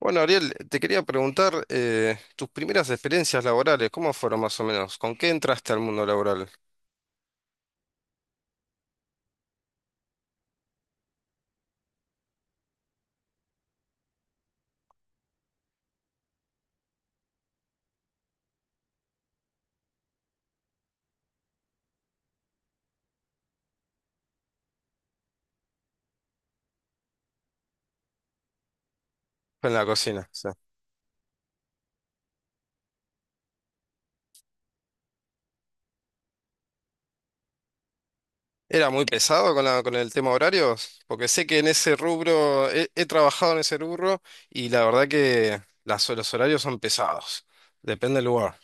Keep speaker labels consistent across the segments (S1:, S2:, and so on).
S1: Bueno, Ariel, te quería preguntar tus primeras experiencias laborales, ¿cómo fueron más o menos? ¿Con qué entraste al mundo laboral? En la cocina, sí. ¿Era muy pesado con con el tema horarios? Porque sé que en ese rubro, he trabajado en ese rubro y la verdad que los horarios son pesados, depende del lugar.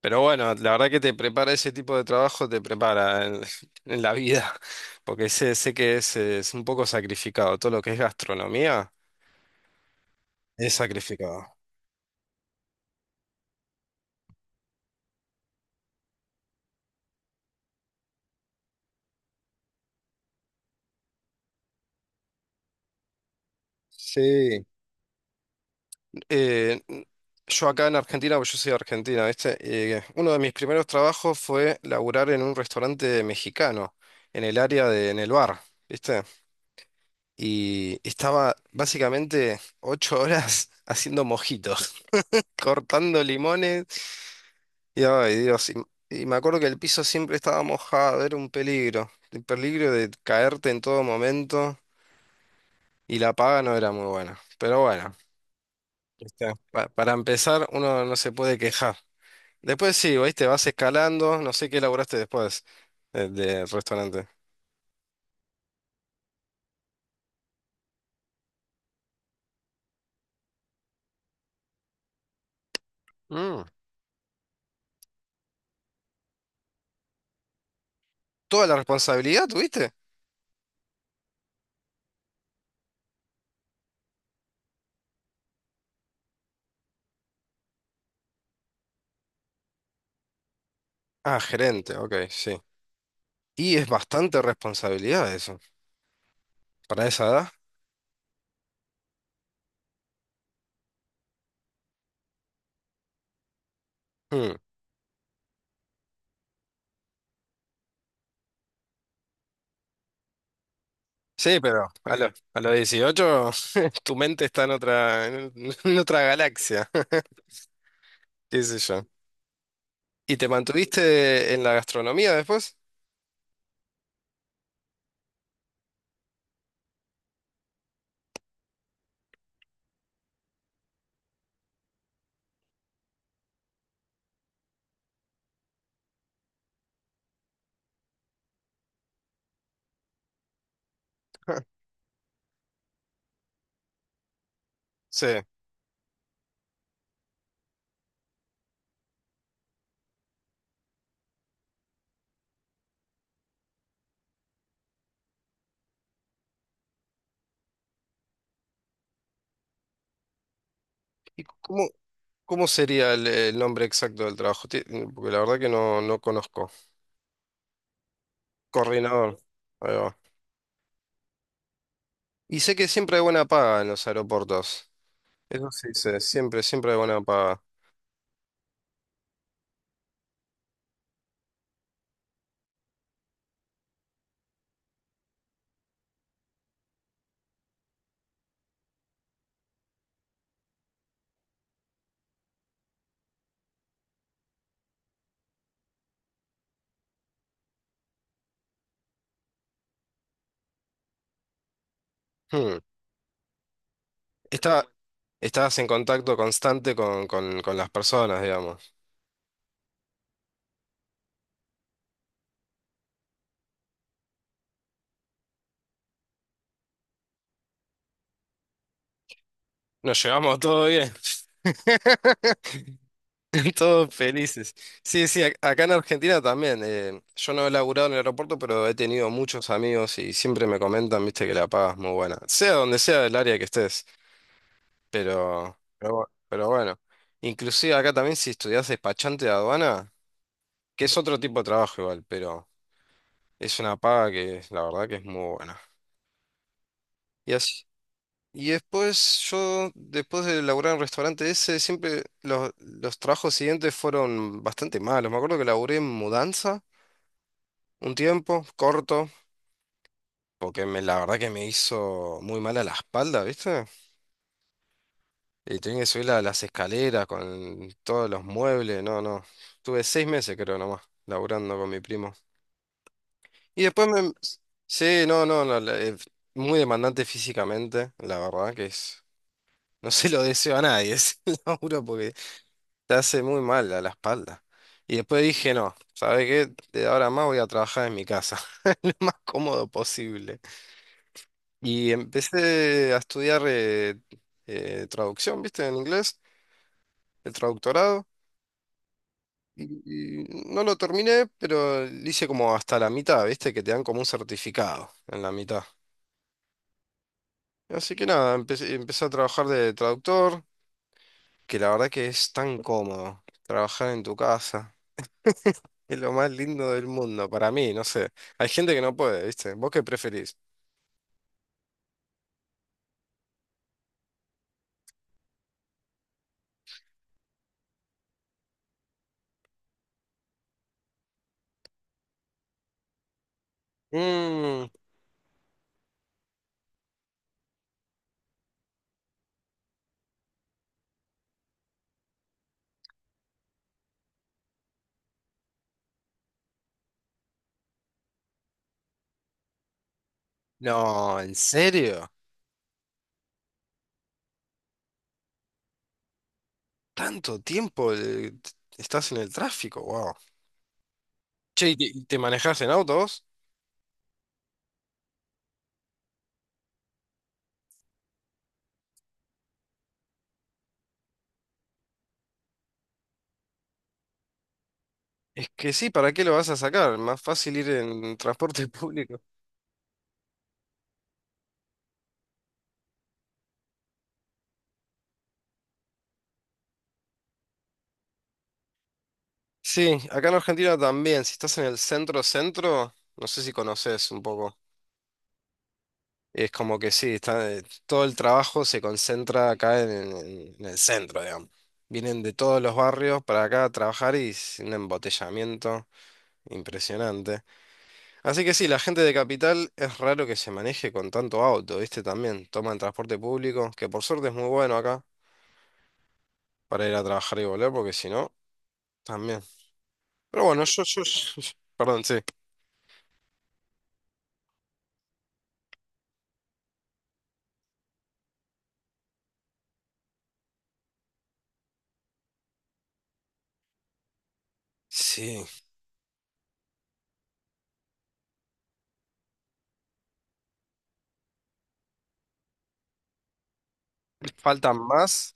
S1: Pero bueno, la verdad que te prepara ese tipo de trabajo, te prepara en, en la vida, porque sé que es un poco sacrificado, todo lo que es gastronomía es sacrificado. Sí. Eh, yo acá en Argentina, porque yo soy de Argentina, ¿viste? Uno de mis primeros trabajos fue laburar en un restaurante mexicano, en el área de, en el bar, ¿viste? Y estaba básicamente 8 horas haciendo mojitos, cortando limones. Y ay, Dios, y me acuerdo que el piso siempre estaba mojado, era un peligro, el peligro de caerte en todo momento y la paga no era muy buena. Pero bueno, ¿viste? Para empezar, uno no se puede quejar. Después sí, ¿veis? Te vas escalando, no sé qué elaboraste después del restaurante. Mm. ¿Toda la responsabilidad tuviste? Ah, gerente, ok, sí. Y es bastante responsabilidad eso, para esa edad. Mm. Sí, pero a los 18 tu mente está en otra, en otra galaxia, qué sé yo. ¿Y te mantuviste en la gastronomía después? Ah. Sí. ¿Y cómo sería el nombre exacto del trabajo? Porque la verdad que no conozco. Coordinador. Y sé que siempre hay buena paga en los aeropuertos. Eso sí sé, siempre, siempre hay buena paga. Hmm. Está, Estás en contacto constante con las personas, digamos. Nos llevamos todo bien. Todos felices. Sí, sí, acá en Argentina también. Yo no he laburado en el aeropuerto, pero he tenido muchos amigos y siempre me comentan, viste, que la paga es muy buena. Sea donde sea el área que estés, pero bueno. Inclusive acá también si estudias despachante de aduana, que es otro tipo de trabajo igual, pero es una paga que la verdad que es muy buena. Y así. Y después yo, después de laburar en el restaurante ese, siempre los trabajos siguientes fueron bastante malos. Me acuerdo que laburé en mudanza un tiempo, corto, porque la verdad que me hizo muy mal a la espalda, ¿viste? Y tenía que subir las escaleras con todos los muebles, no, no. Tuve 6 meses creo nomás, laburando con mi primo. Y después me... Sí, no, no, no, muy demandante físicamente, la verdad que es... No se lo deseo a nadie ese laburo porque te hace muy mal a la espalda. Y después dije, no, ¿sabes qué? De ahora en más voy a trabajar en mi casa, lo más cómodo posible. Y empecé a estudiar traducción, ¿viste? En inglés, el traductorado. Y no lo terminé, pero lo hice como hasta la mitad, ¿viste? Que te dan como un certificado en la mitad. Así que nada, empecé a trabajar de traductor, que la verdad que es tan cómodo trabajar en tu casa. Es lo más lindo del mundo, para mí, no sé. Hay gente que no puede, ¿viste? ¿Vos qué preferís? Mm, no, ¿en serio? ¿Tanto tiempo estás en el tráfico? Wow. Che, ¿y y te manejás en autos? Es que sí, ¿para qué lo vas a sacar? Más fácil ir en transporte público. Sí, acá en Argentina también, si estás en el centro-centro, no sé si conoces un poco. Es como que sí, está, todo el trabajo se concentra acá en, en el centro, digamos. Vienen de todos los barrios para acá a trabajar y es un embotellamiento impresionante. Así que sí, la gente de Capital es raro que se maneje con tanto auto, ¿viste? También toman transporte público, que por suerte es muy bueno acá para ir a trabajar y volver, porque si no, también. Pero bueno, perdón, sí. Sí, faltan más.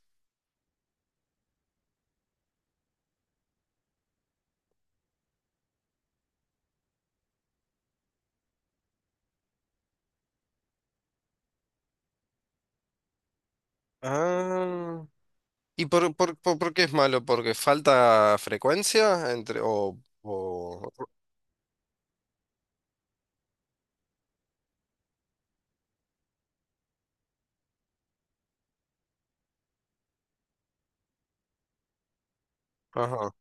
S1: Ah. ¿Y por qué es malo? ¿Porque falta frecuencia entre o... ajá.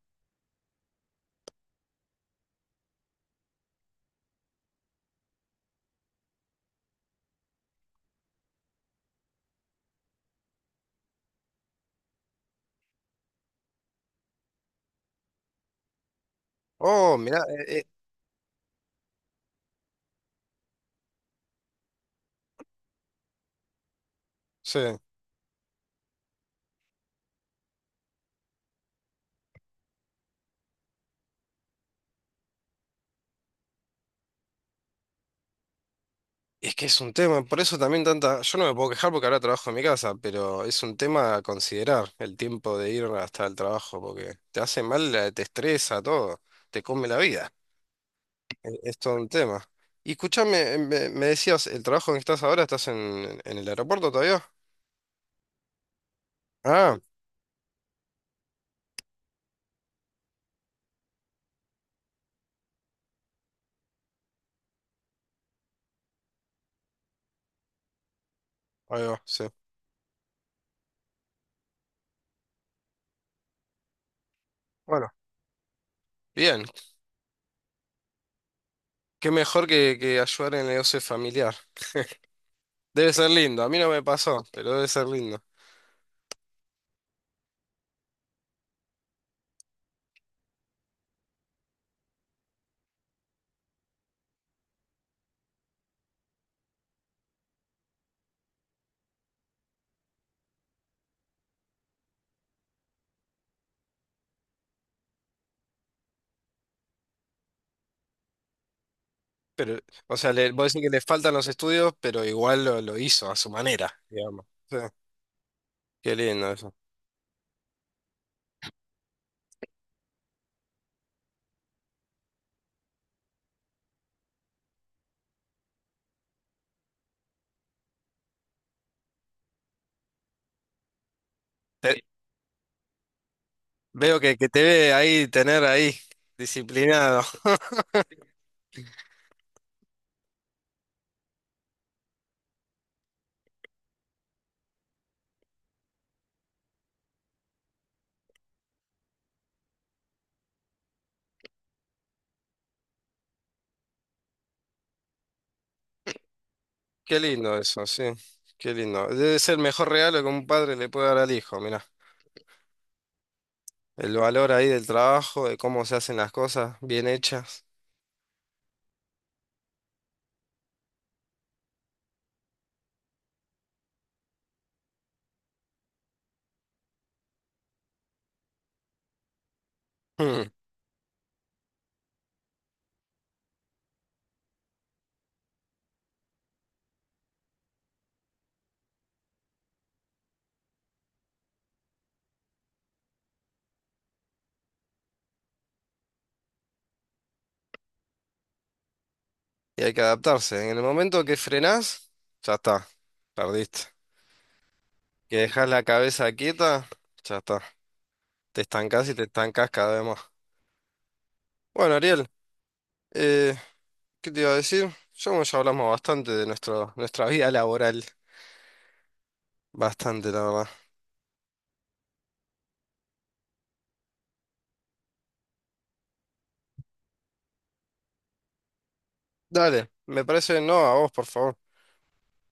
S1: Oh, mirá, sí. Es que es un tema, por eso también tanta. Yo no me puedo quejar porque ahora trabajo en mi casa, pero es un tema a considerar el tiempo de ir hasta el trabajo, porque te hace mal, te estresa todo, te come la vida. Es, todo un tema. Y escúchame, me decías, el trabajo en que estás ahora, ¿estás en el aeropuerto todavía? Ah, ahí va, sí. Bueno, bien, qué mejor que ayudar en el negocio familiar. Debe ser lindo, a mí no me pasó, pero debe ser lindo. Pero, o sea, le, vos decís que le faltan los estudios, pero igual lo hizo a su manera, digamos. Sí, qué lindo eso. Te- Veo que te ve ahí, tener ahí, disciplinado. Qué lindo eso, sí, qué lindo. Debe ser el mejor regalo que un padre le puede dar al hijo, mirá. El valor ahí del trabajo, de cómo se hacen las cosas bien hechas. Mm. Y hay que adaptarse. En el momento que frenás, ya está, perdiste. Que dejás la cabeza quieta, ya está. Te estancas y te estancas cada vez más. Bueno, Ariel, eh, ¿qué te iba a decir? Ya hablamos bastante de nuestra vida laboral. Bastante, la verdad. Dale, me parece, no, a vos, por favor.